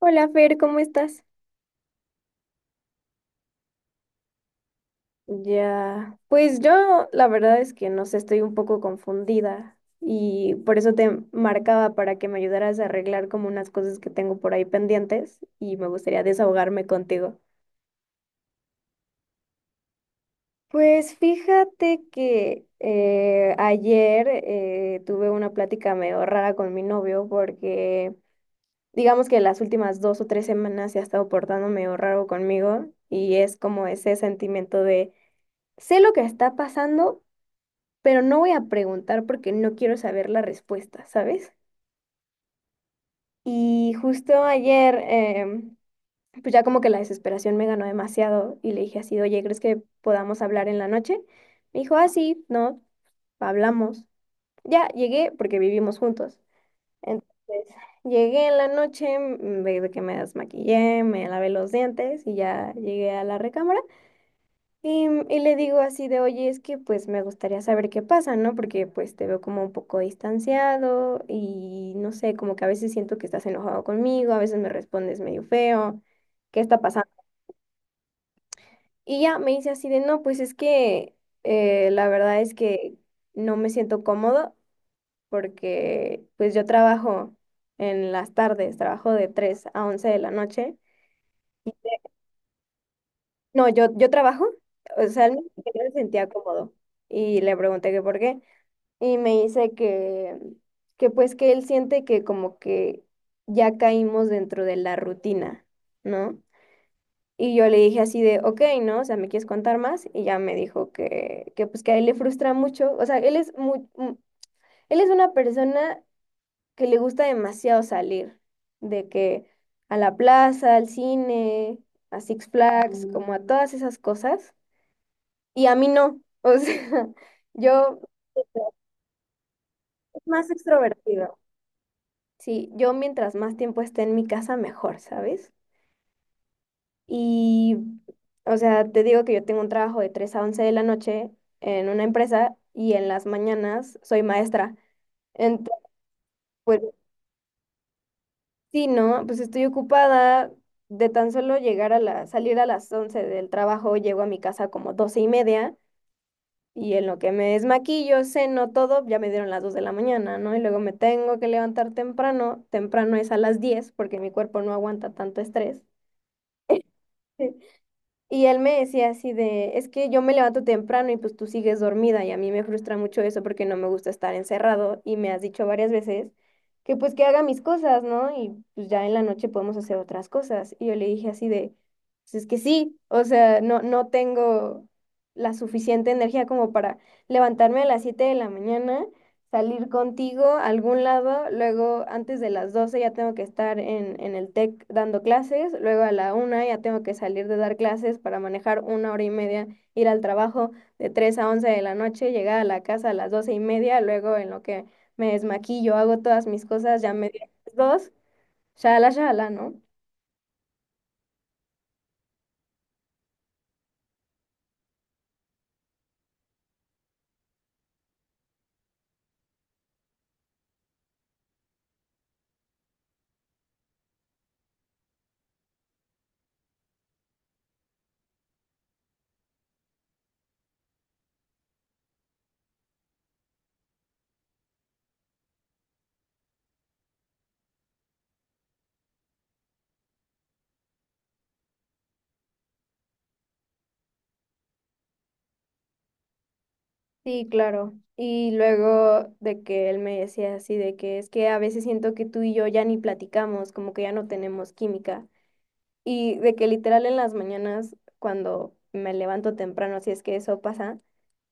Hola Fer, ¿cómo estás? Ya, pues yo la verdad es que no sé, estoy un poco confundida y por eso te marcaba para que me ayudaras a arreglar como unas cosas que tengo por ahí pendientes y me gustaría desahogarme contigo. Pues fíjate que ayer tuve una plática medio rara con mi novio porque digamos que las últimas 2 o 3 semanas se ha estado portando medio raro conmigo y es como ese sentimiento de sé lo que está pasando, pero no voy a preguntar porque no quiero saber la respuesta, ¿sabes? Y justo ayer, pues ya como que la desesperación me ganó demasiado y le dije así, oye, ¿crees que podamos hablar en la noche? Me dijo, ah, sí, no, hablamos. Ya, llegué porque vivimos juntos. Entonces, llegué en la noche, de que me desmaquillé, me lavé los dientes y ya llegué a la recámara. Y le digo así de, oye, es que pues me gustaría saber qué pasa, ¿no? Porque pues te veo como un poco distanciado y no sé, como que a veces siento que estás enojado conmigo, a veces me respondes medio feo, ¿qué está pasando? Y ya me dice así de, no, pues es que la verdad es que no me siento cómodo porque pues yo trabajo en las tardes, trabajo de 3 a 11 de la noche. No, yo trabajo, o sea, él me sentía cómodo y le pregunté que por qué. Y me dice que pues que él siente que como que ya caímos dentro de la rutina, ¿no? Y yo le dije así de, ok, ¿no? O sea, ¿me quieres contar más? Y ya me dijo que pues que a él le frustra mucho, o sea, él es una persona que le gusta demasiado salir, de que a la plaza, al cine, a Six Flags, como a todas esas cosas, y a mí no, o sea, yo es más extrovertido. Sí, yo mientras más tiempo esté en mi casa, mejor, ¿sabes? Y, o sea, te digo que yo tengo un trabajo de 3 a 11 de la noche en una empresa y en las mañanas soy maestra. Entonces, pues sí, ¿no? Pues estoy ocupada de tan solo llegar a salir a las 11 del trabajo, llego a mi casa como 12 y media y en lo que me desmaquillo, ceno, todo, ya me dieron las 2 de la mañana, ¿no? Y luego me tengo que levantar temprano, temprano es a las 10 porque mi cuerpo no aguanta tanto estrés. Y él me decía así de, es que yo me levanto temprano y pues tú sigues dormida y a mí me frustra mucho eso porque no me gusta estar encerrado y me has dicho varias veces que pues que haga mis cosas, ¿no? Y pues ya en la noche podemos hacer otras cosas. Y yo le dije así de, pues es que sí, o sea, no, no tengo la suficiente energía como para levantarme a las 7 de la mañana, salir contigo a algún lado, luego antes de las 12 ya tengo que estar en el TEC dando clases, luego a la una ya tengo que salir de dar clases para manejar una hora y media, ir al trabajo de 3 a 11 de la noche, llegar a la casa a las 12 y media, luego en lo que me desmaquillo, hago todas mis cosas, ya media las 2, shalala, shalala, ¿no? Sí, claro. Y luego de que él me decía así, de que es que a veces siento que tú y yo ya ni platicamos, como que ya no tenemos química. Y de que literal en las mañanas, cuando me levanto temprano, si es que eso pasa,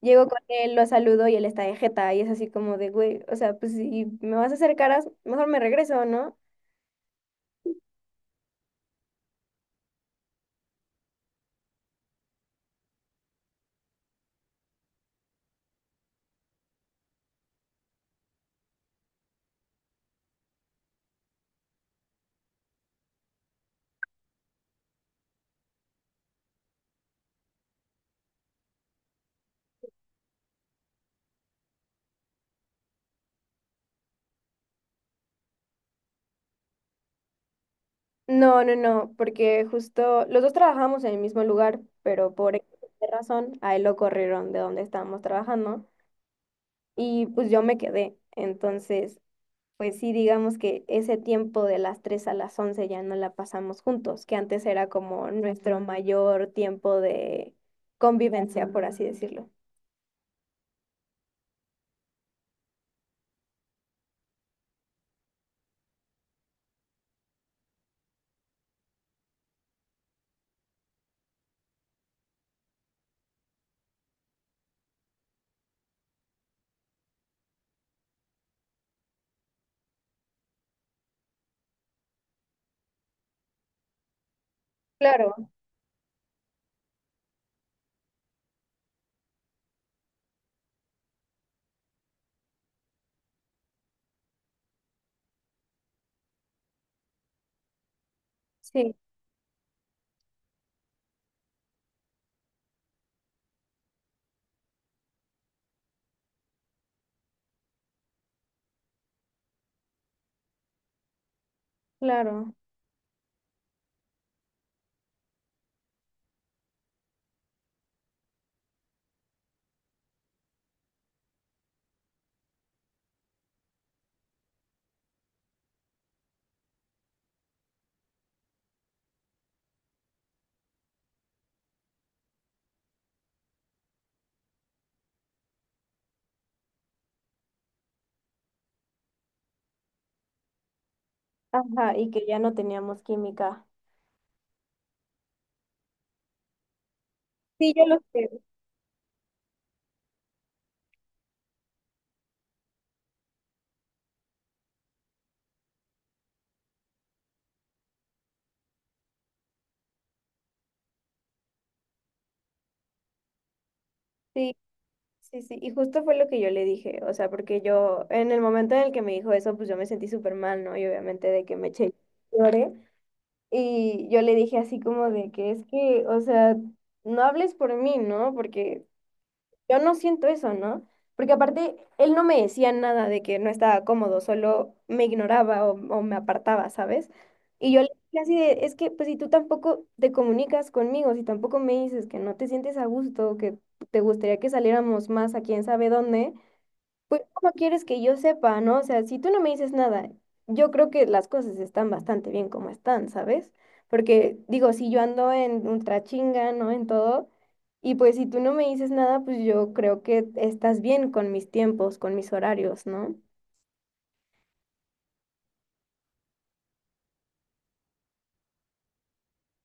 llego con él, lo saludo y él está de jeta y es así como de, güey, o sea, pues si me vas a hacer caras, mejor me regreso, ¿no? No, no, no, porque justo los dos trabajamos en el mismo lugar, pero por X o Y razón, a él lo corrieron de donde estábamos trabajando y pues yo me quedé. Entonces, pues sí, digamos que ese tiempo de las 3 a las 11 ya no la pasamos juntos, que antes era como nuestro mayor tiempo de convivencia, por así decirlo. Claro, sí, claro. Ajá, y que ya no teníamos química. Sí, yo lo sé. Sí, sí, sí. Y justo fue lo que yo le dije, o sea, porque yo, en el momento en el que me dijo eso, pues yo me sentí súper mal, ¿no? Y obviamente de que me eché, lloré. Y yo le dije así como de que es que, o sea, no hables por mí, ¿no? Porque yo no siento eso, ¿no? Porque aparte, él no me decía nada de que no estaba cómodo, solo me ignoraba o me apartaba, ¿sabes? Y yo le decía así de, es que pues si tú tampoco te comunicas conmigo, si tampoco me dices que no te sientes a gusto, que te gustaría que saliéramos más a quién sabe dónde, pues, ¿cómo quieres que yo sepa, no? O sea, si tú no me dices nada, yo creo que las cosas están bastante bien como están, ¿sabes? Porque, digo, si yo ando en ultra chinga, ¿no? En todo, y pues si tú no me dices nada, pues yo creo que estás bien con mis tiempos, con mis horarios, ¿no?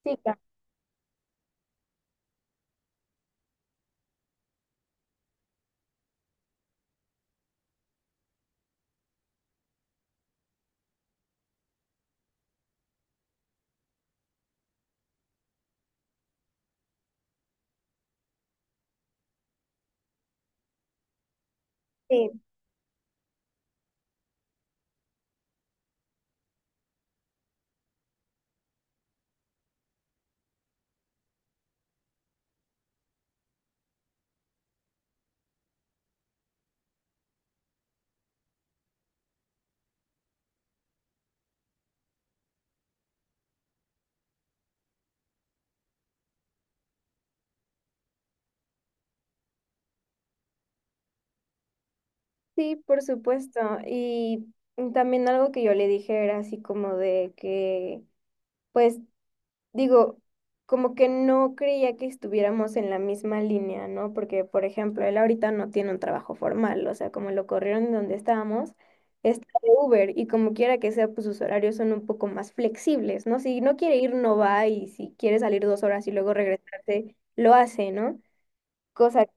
Sí, claro. Sí, sí, por supuesto. Y también algo que yo le dije era así como de que, pues digo, como que no creía que estuviéramos en la misma línea, ¿no? Porque, por ejemplo, él ahorita no tiene un trabajo formal, o sea, como lo corrieron de donde estábamos, está de Uber y como quiera que sea, pues sus horarios son un poco más flexibles, ¿no? Si no quiere ir, no va y si quiere salir 2 horas y luego regresarse, lo hace, ¿no? Cosa que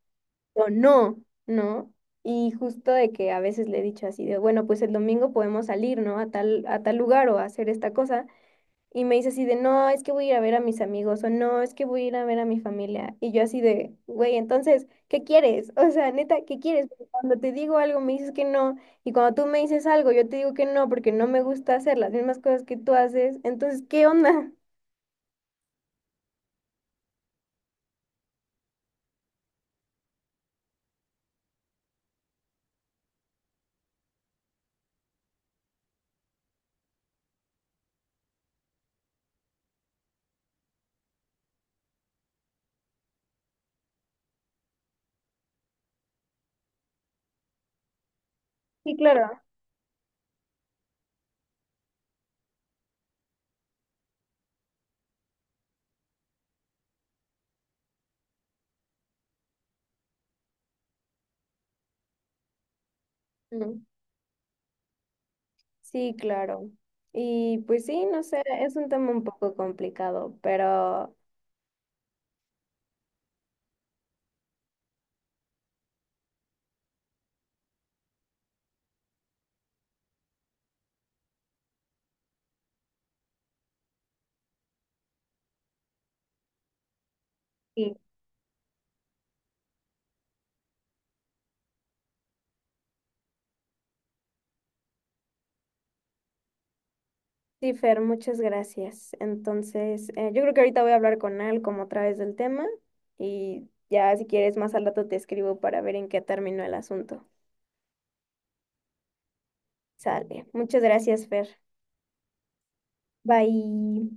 yo no, ¿no? Y justo de que a veces le he dicho así de, bueno, pues el domingo podemos salir, ¿no? A tal lugar o a hacer esta cosa. Y me dice así de, no, es que voy a ir a ver a mis amigos o no, es que voy a ir a ver a mi familia. Y yo así de, güey, entonces, ¿qué quieres? O sea, neta, ¿qué quieres? Porque cuando te digo algo me dices que no y cuando tú me dices algo yo te digo que no porque no me gusta hacer las mismas cosas que tú haces. Entonces, ¿qué onda? Sí, claro. Mm, sí, claro. Y pues sí, no sé, es un tema un poco complicado, pero... Sí, Fer, muchas gracias. Entonces, yo creo que ahorita voy a hablar con Al como otra vez del tema y ya si quieres más al rato te escribo para ver en qué terminó el asunto. Sale. Muchas gracias, Fer. Bye.